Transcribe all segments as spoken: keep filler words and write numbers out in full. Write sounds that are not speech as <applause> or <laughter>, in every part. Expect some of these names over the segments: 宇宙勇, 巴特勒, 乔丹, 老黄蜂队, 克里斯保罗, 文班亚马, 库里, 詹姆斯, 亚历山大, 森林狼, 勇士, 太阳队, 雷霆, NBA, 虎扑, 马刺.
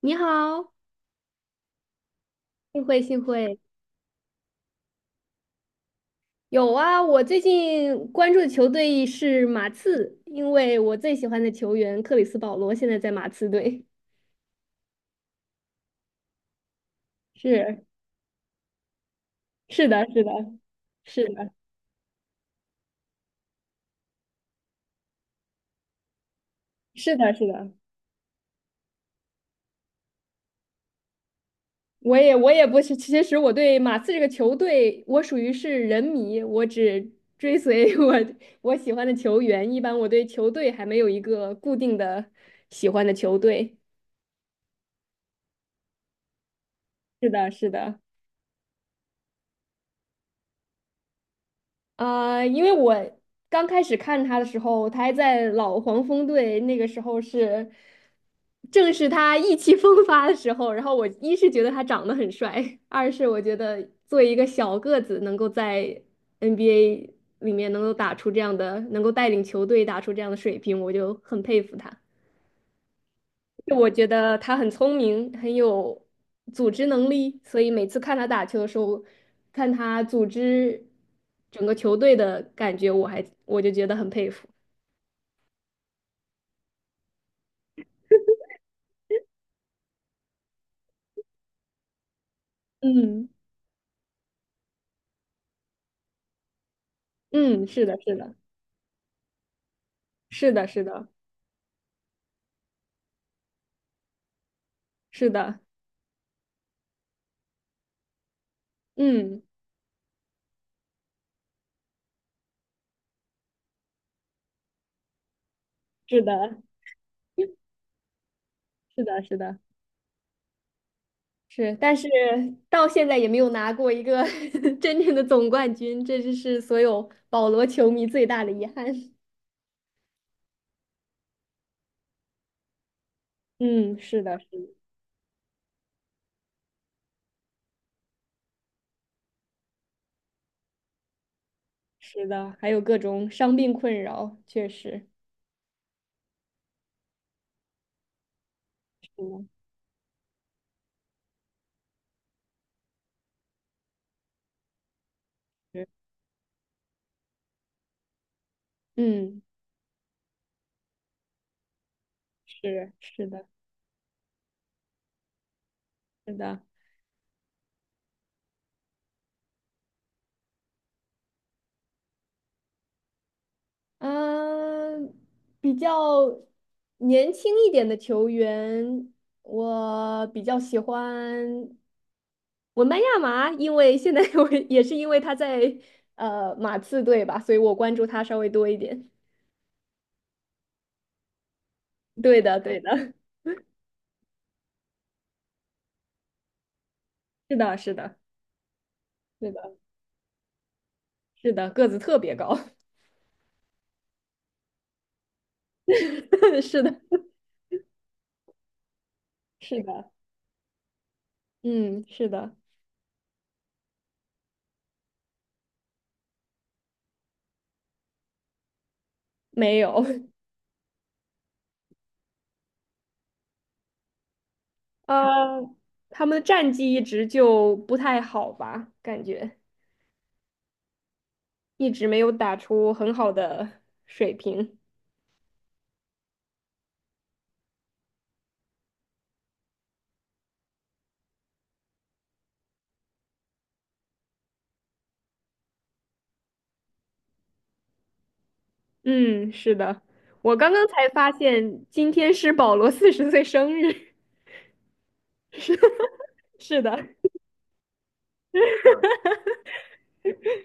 你好，幸会幸会。有啊，我最近关注的球队是马刺，因为我最喜欢的球员克里斯保罗现在在马刺队。是是的，是的，是的，是的，是的。我也我也不是，其实我对马刺这个球队，我属于是人迷，我只追随 <laughs> 我我喜欢的球员。一般我对球队还没有一个固定的喜欢的球队。是的，是的。呃，因为我刚开始看他的时候，他还在老黄蜂队，那个时候是正是他意气风发的时候。然后我一是觉得他长得很帅，二是我觉得作为一个小个子，能够在 N B A 里面能够打出这样的，能够带领球队打出这样的水平，我就很佩服他。我觉得他很聪明，很有组织能力，所以每次看他打球的时候，看他组织整个球队的感觉，我还我就觉得很佩服。嗯嗯，是的，是的，是的，是的，是的，嗯，是的，是的，是的，是，但是到现在也没有拿过一个 <laughs> 真正的总冠军，这就是所有保罗球迷最大的遗憾。嗯，是的，是的是的，还有各种伤病困扰，确实。嗯，是嗯，是是的，是的，嗯，比较年轻一点的球员，我比较喜欢文班亚马，因为现在 <laughs> 我也是因为他在呃马刺队吧，所以我关注他稍微多一点。对的，对的，<laughs> 是的，是的，是的，是的，个子特别高，<laughs> 是的，是的，嗯，是的，没有。呃，他们的战绩一直就不太好吧，感觉一直没有打出很好的水平。嗯，是的，我刚刚才发现今天是保罗四十岁生日。<laughs> 是的，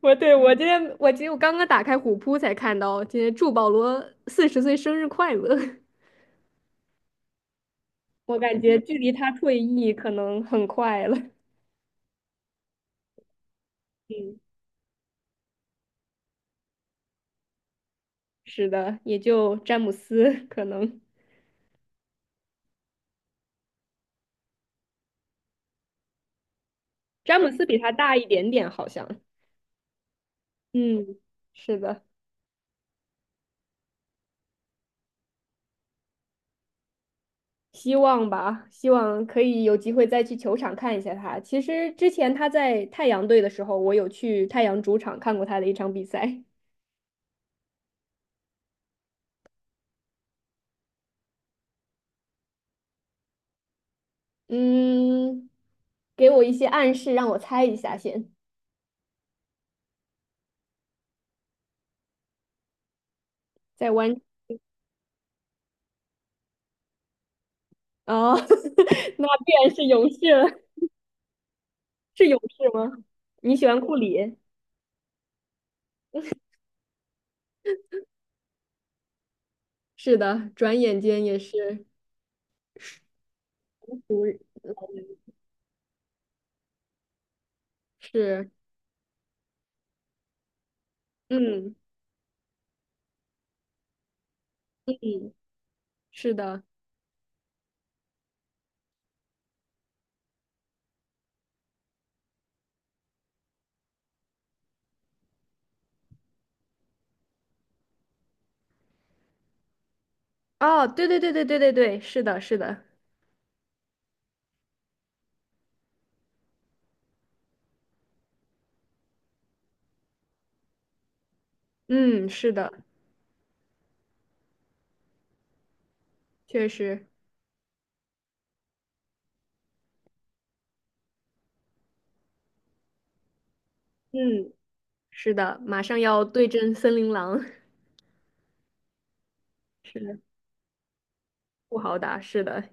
我对我今天我今天我刚刚打开虎扑才看到，今天祝保罗四十岁生日快乐。<laughs> 我感觉距离他退役可能很快了。嗯，是的，也就詹姆斯可能，詹姆斯比他大一点点，好像。嗯，是的，希望吧，希望可以有机会再去球场看一下他。其实之前他在太阳队的时候，我有去太阳主场看过他的一场比赛。嗯，给我一些暗示，让我猜一下先。在湾哦，<laughs> 那必然是勇士了。是勇士吗？你喜欢库里？是的，转眼间也是，不是，嗯嗯，是的。哦，对对对对对对对，是的，是的，嗯，是的。确实，嗯，是的，马上要对阵森林狼，<laughs> 是的，不好打。是的，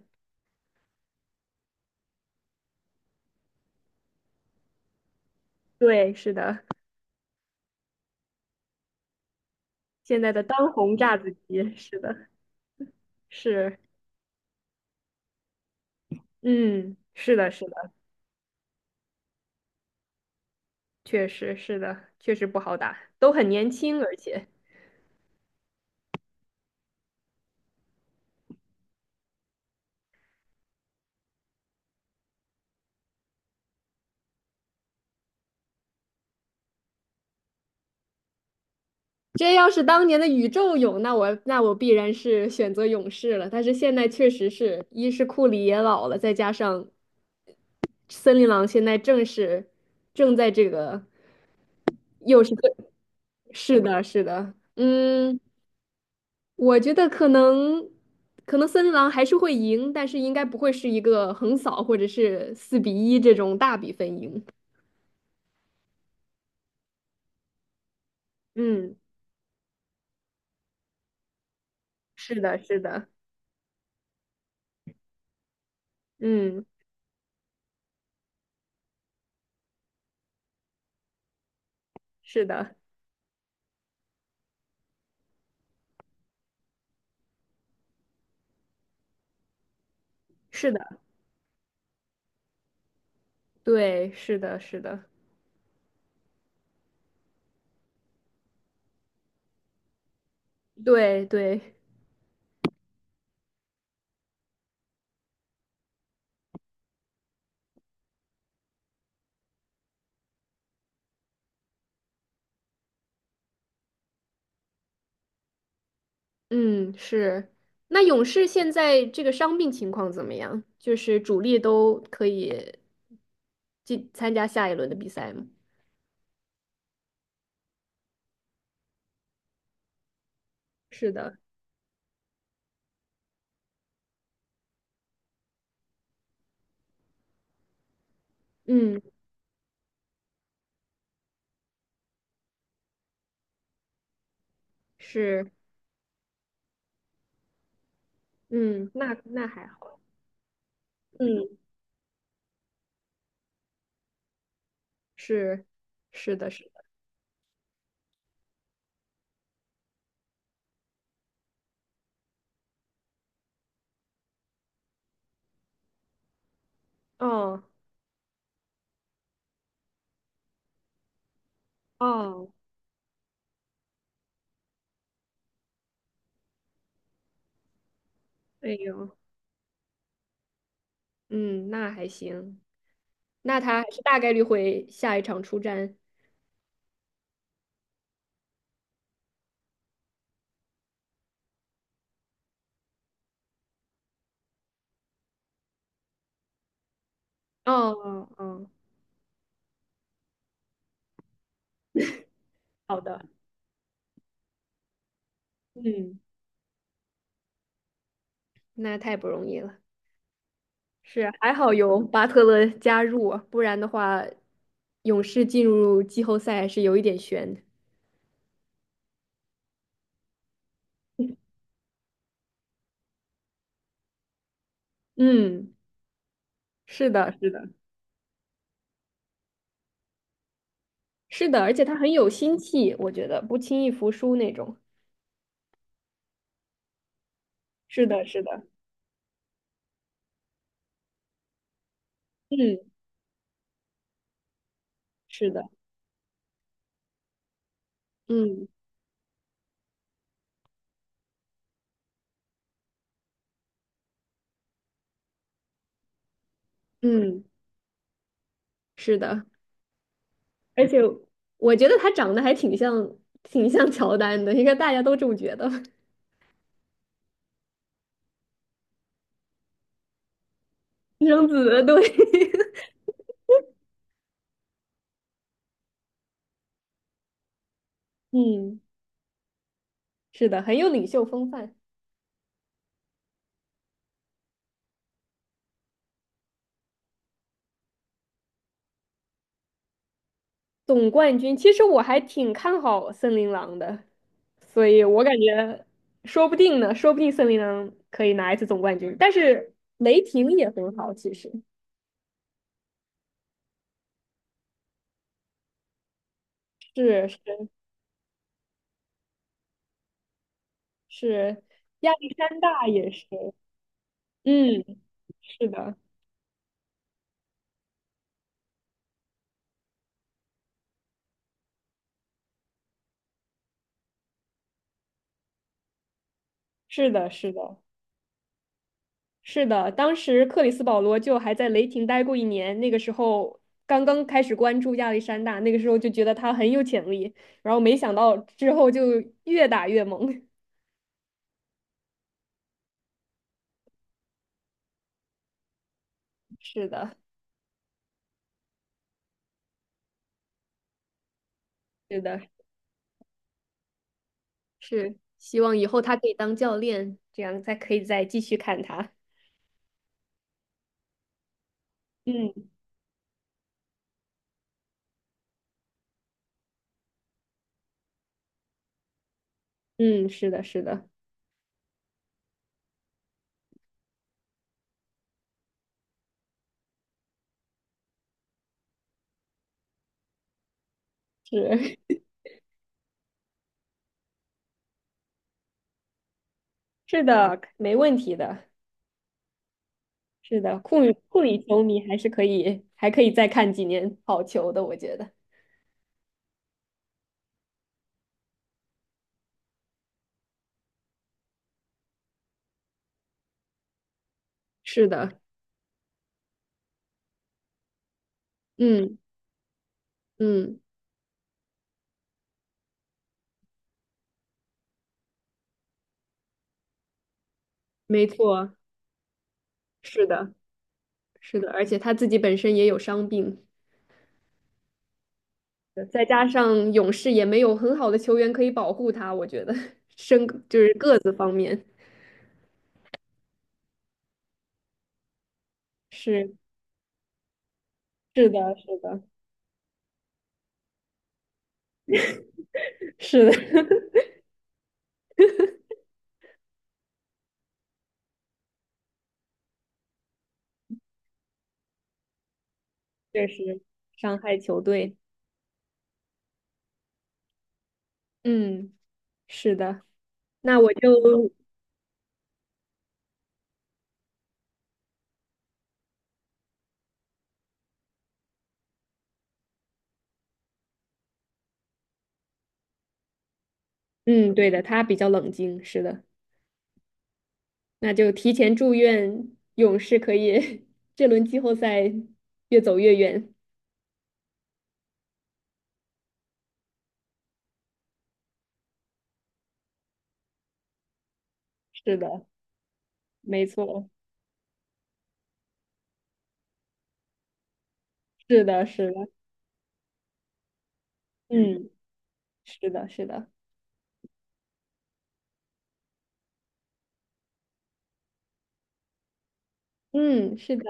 对，是的，现在的当红炸子鸡，是的，是，嗯，是的，是的，确实是的，确实不好打，都很年轻，而且这要是当年的宇宙勇，那我那我必然是选择勇士了。但是现在确实是一是库里也老了，再加上森林狼现在正是正在这个又是个，是的，是的，嗯。我觉得可能，可能森林狼还是会赢，但是应该不会是一个横扫或者是四比一这种大比分赢。嗯，是的，是的，嗯，是的，是的，对，是的，是的，对对，嗯，是。那勇士现在这个伤病情况怎么样？就是主力都可以进参加下一轮的比赛吗？是的，嗯，是，嗯，那那还好，嗯。是是的，是的，哦哦，哎呦，嗯，那还行，那他还是大概率会下一场出战。哦哦哦，好的，嗯，那太不容易了。是，还好有巴特勒加入啊不然的话，勇士进入季后赛是有一点悬的嗯，是的，是的，是的，而且他很有心气，我觉得不轻易服输那种。是的，是的，嗯，是的，嗯嗯，是的。而且我觉得他长得还挺像，挺像乔丹的，应该大家都这么觉得。私生子，对，<laughs> 嗯，是的，很有领袖风范。总冠军，其实我还挺看好森林狼的，所以我感觉说不定呢，说不定森林狼可以拿一次总冠军。但是雷霆也很好，其实是是是，亚历山大也是，嗯，是的，是的，是的。是的，当时克里斯保罗就还在雷霆待过一年，那个时候刚刚开始关注亚历山大，那个时候就觉得他很有潜力，然后没想到之后就越打越猛。<laughs> 是的，是的，是，希望以后他可以当教练，这样才可以再继续看他。嗯嗯，是的，是的，是 <laughs> 是的，没问题的，是的，库里库里球迷还是可以，还可以再看几年好球的，我觉得。是的，嗯嗯，没错。是的，是的，而且他自己本身也有伤病，呃再加上勇士也没有很好的球员可以保护他，我觉得身就是个子方面是是的，是的，是的，<laughs> 确实伤害球队。嗯，是的，那我就嗯，对的，他比较冷静，是的，那就提前祝愿勇士可以 <laughs> 这轮季后赛越走越远。是的，没错，是的，是的，嗯，是的，是的。嗯，是的，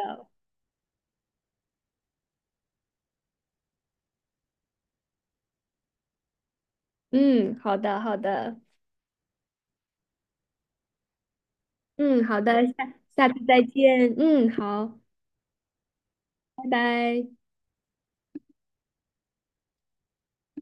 嗯，好的，好的，嗯，好的，下下次再见，嗯，好，拜拜。